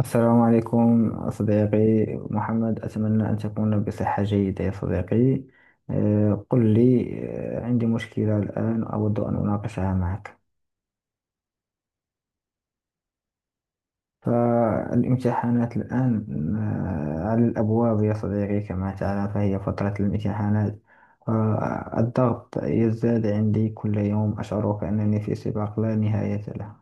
السلام عليكم صديقي محمد، أتمنى أن تكون بصحة جيدة يا صديقي. قل لي. عندي مشكلة الآن أود أن أناقشها معك. فالامتحانات الآن على الأبواب يا صديقي، كما تعلم فهي فترة الامتحانات، فالضغط يزداد عندي كل يوم، أشعر كأنني في سباق لا نهاية له.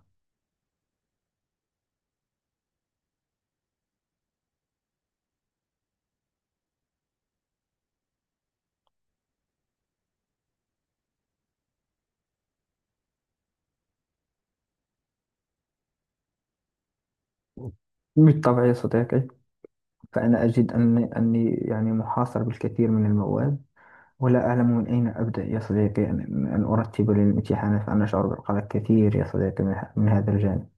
بالطبع يا صديقي، فأنا أجد أني يعني محاصر بالكثير من المواد، ولا أعلم من أين أبدأ يا صديقي أن أرتب للامتحانات، فأنا أشعر بالقلق كثير يا صديقي من هذا الجانب.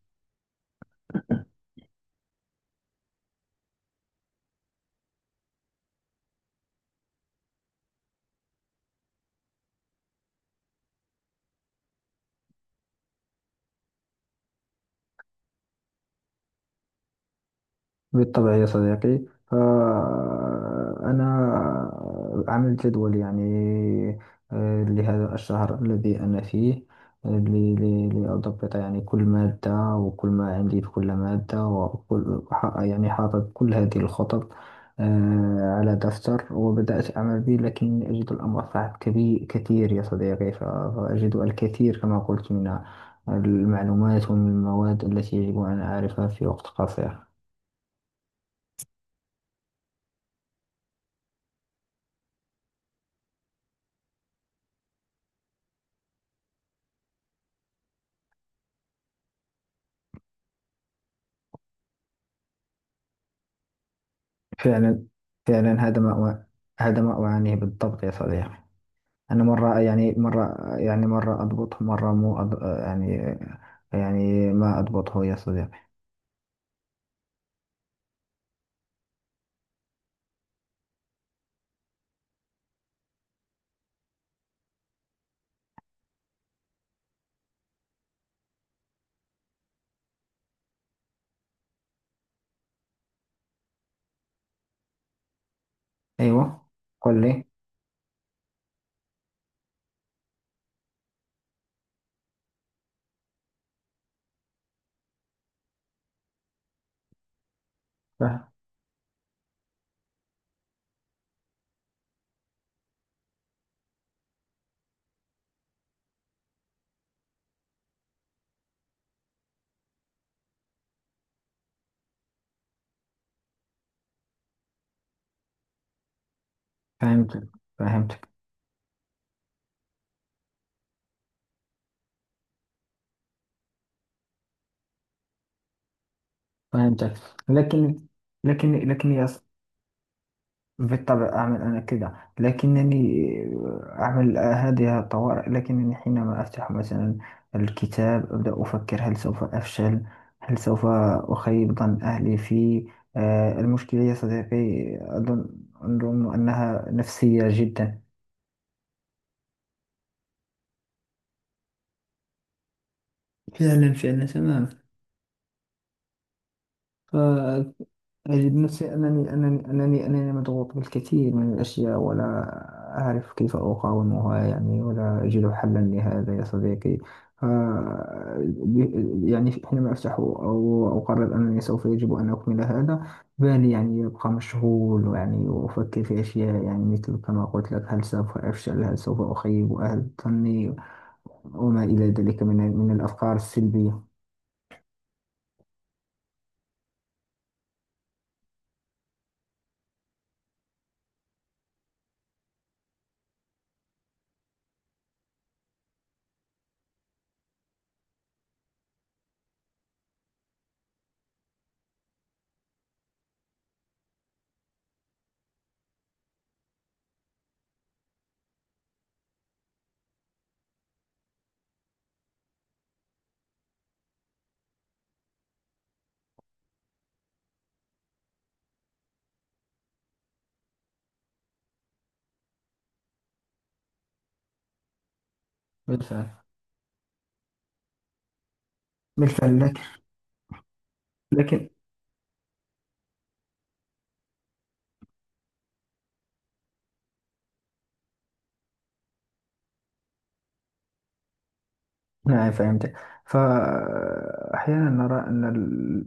بالطبع يا صديقي، فأنا عملت جدول يعني لهذا الشهر الذي أنا فيه، لأضبط يعني كل مادة وكل ما عندي في كل مادة، يعني حاطط كل هذه الخطط على دفتر، وبدأت أعمل به، لكن أجد الأمر صعب كبير كثير يا صديقي. فأجد الكثير كما قلت من المعلومات ومن المواد التي يجب أن أعرفها في وقت قصير. فعلا فعلا. هذا ما أعانيه بالضبط يا صديقي. أنا مرة أضبطه، مرة مو أض... يعني يعني ما أضبطه يا صديقي. أيوة، قل لي. فه- فهمتك فهمتك فهمتك. لكن، لكن يا، بالطبع أعمل أنا كذا، لكنني أعمل هذه الطوارئ، لكنني حينما أفتح مثلا الكتاب أبدأ أفكر، هل سوف أفشل؟ هل سوف أخيب ظن أهلي فيه؟ المشكلة يا صديقي، أظن أظن أنها نفسية جدا. فعلا فعلا تماما. ف- أجد نفسي أنني مضغوط بالكثير من الأشياء، ولا أعرف كيف أقاومها يعني، ولا أجد حلا لهذا يا صديقي. ف- يعني حينما أفتح أو أقرر أنني سوف يجب أن أكمل هذا، بالي يعني يبقى مشغول يعني، وأفكر في أشياء يعني، مثل كما قلت لك، هل سوف أفشل؟ هل سوف أخيب أهل ظني؟ وما إلى ذلك من الأفكار السلبية. بالفعل، بالفعل، لكن لكن. نعم، فهمت. فأحيانا نرى أن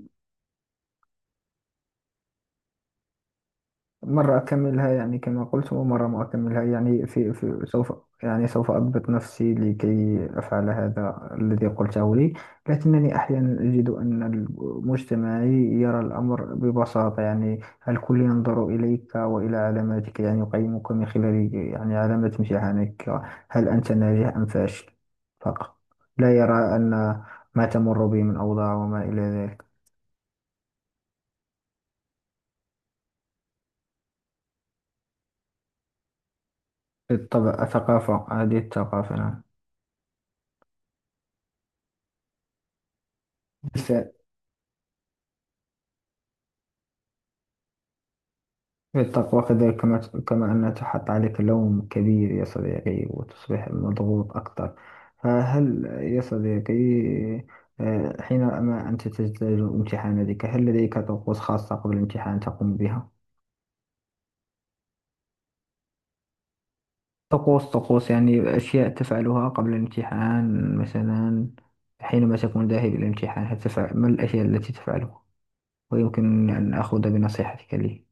مرة أكملها يعني كما قلت، ومرة ما أكملها يعني، في سوف، يعني سوف أضبط نفسي لكي أفعل هذا الذي قلته لي. لكنني أحيانا أجد أن مجتمعي يرى الأمر ببساطة يعني، الكل ينظر إليك وإلى علاماتك يعني، يقيمك من خلال يعني علامات امتحانك، هل أنت ناجح أم فاشل فقط. لا يرى أن ما تمر به من أوضاع وما إلى ذلك. بالطبع الثقافة، هذه الثقافة، نعم. بس التقوى كذلك، كما أن تحط عليك لوم كبير يا صديقي، وتصبح مضغوط أكثر. فهل يا صديقي، حينما أنت تجتاز امتحاناتك، هل لديك طقوس خاصة قبل الامتحان تقوم بها؟ طقوس، طقوس يعني أشياء تفعلها قبل الامتحان، مثلا حينما تكون ذاهب إلى الامتحان، هل تفعل ما الأشياء التي تفعلها؟ ويمكن أن أخذ بنصيحتك لي.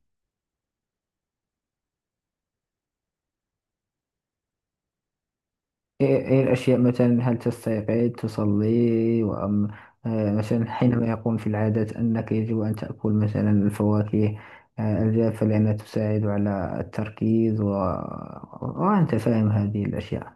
إيه إيه الأشياء مثلا؟ هل تستيقظ تصلي وأم، مثلا، حينما يقوم في العادات أنك يجب أن تأكل مثلا الفواكه الجافة لأنها تساعد على التركيز وأنت فاهم هذه الأشياء.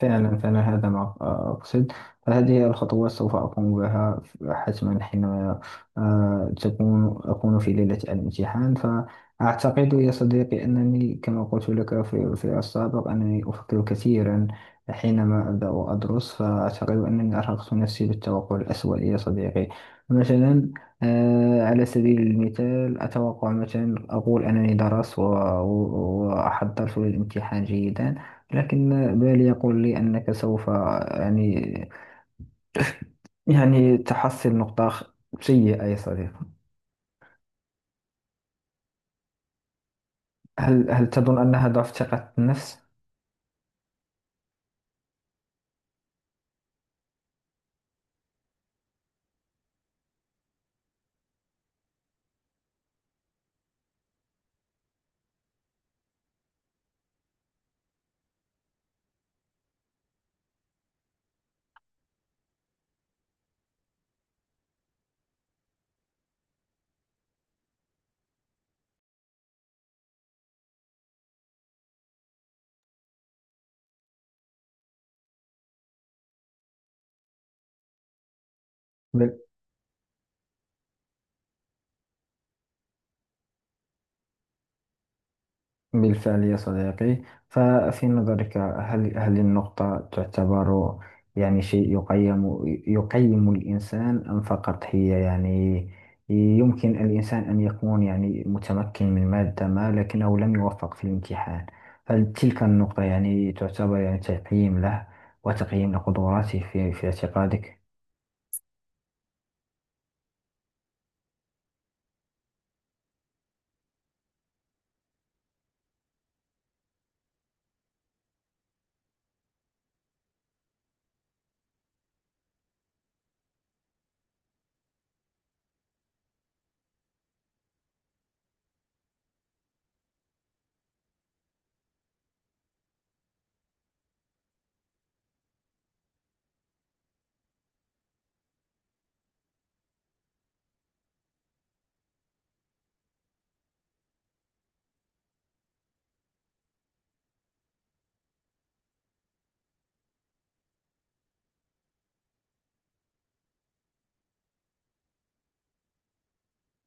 فعلا فعلا، هذا ما أقصد. فهذه هي الخطوات سوف أقوم بها حتما، حينما آه، تكون أكون في ليلة الامتحان. فأعتقد يا صديقي أنني كما قلت لك في السابق، أنني أفكر كثيرا حينما أبدأ أدرس، فأعتقد أنني أرهقت نفسي بالتوقع الأسوأ يا صديقي. مثلا، على سبيل المثال، أتوقع مثلا، أقول أنني درست وأحضرت للامتحان جيدا، لكن بالي يقول لي أنك سوف يعني، تحصل سيئة يا صديقي. هل تظن أنها ضعف ثقة النفس؟ بالفعل يا صديقي. ففي نظرك، هل النقطة تعتبر يعني شيء يقيم، الإنسان؟ أم فقط هي يعني يمكن الإنسان أن يكون يعني متمكن من مادة ما لكنه لم يوفق في الامتحان؟ هل تلك النقطة يعني تعتبر يعني تقييم له وتقييم لقدراته في اعتقادك؟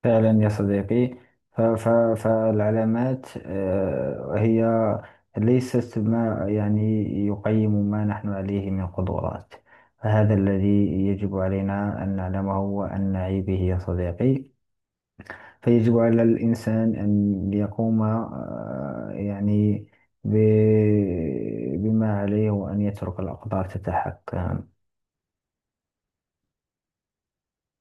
فعلا يا صديقي، ف- ف- فالعلامات هي ليست ما يعني يقيم ما نحن عليه من قدرات. فهذا الذي يجب علينا أن نعلمه وأن نعي به يا صديقي. فيجب على الإنسان أن يقوم يعني بما عليه وأن يترك الأقدار تتحكم.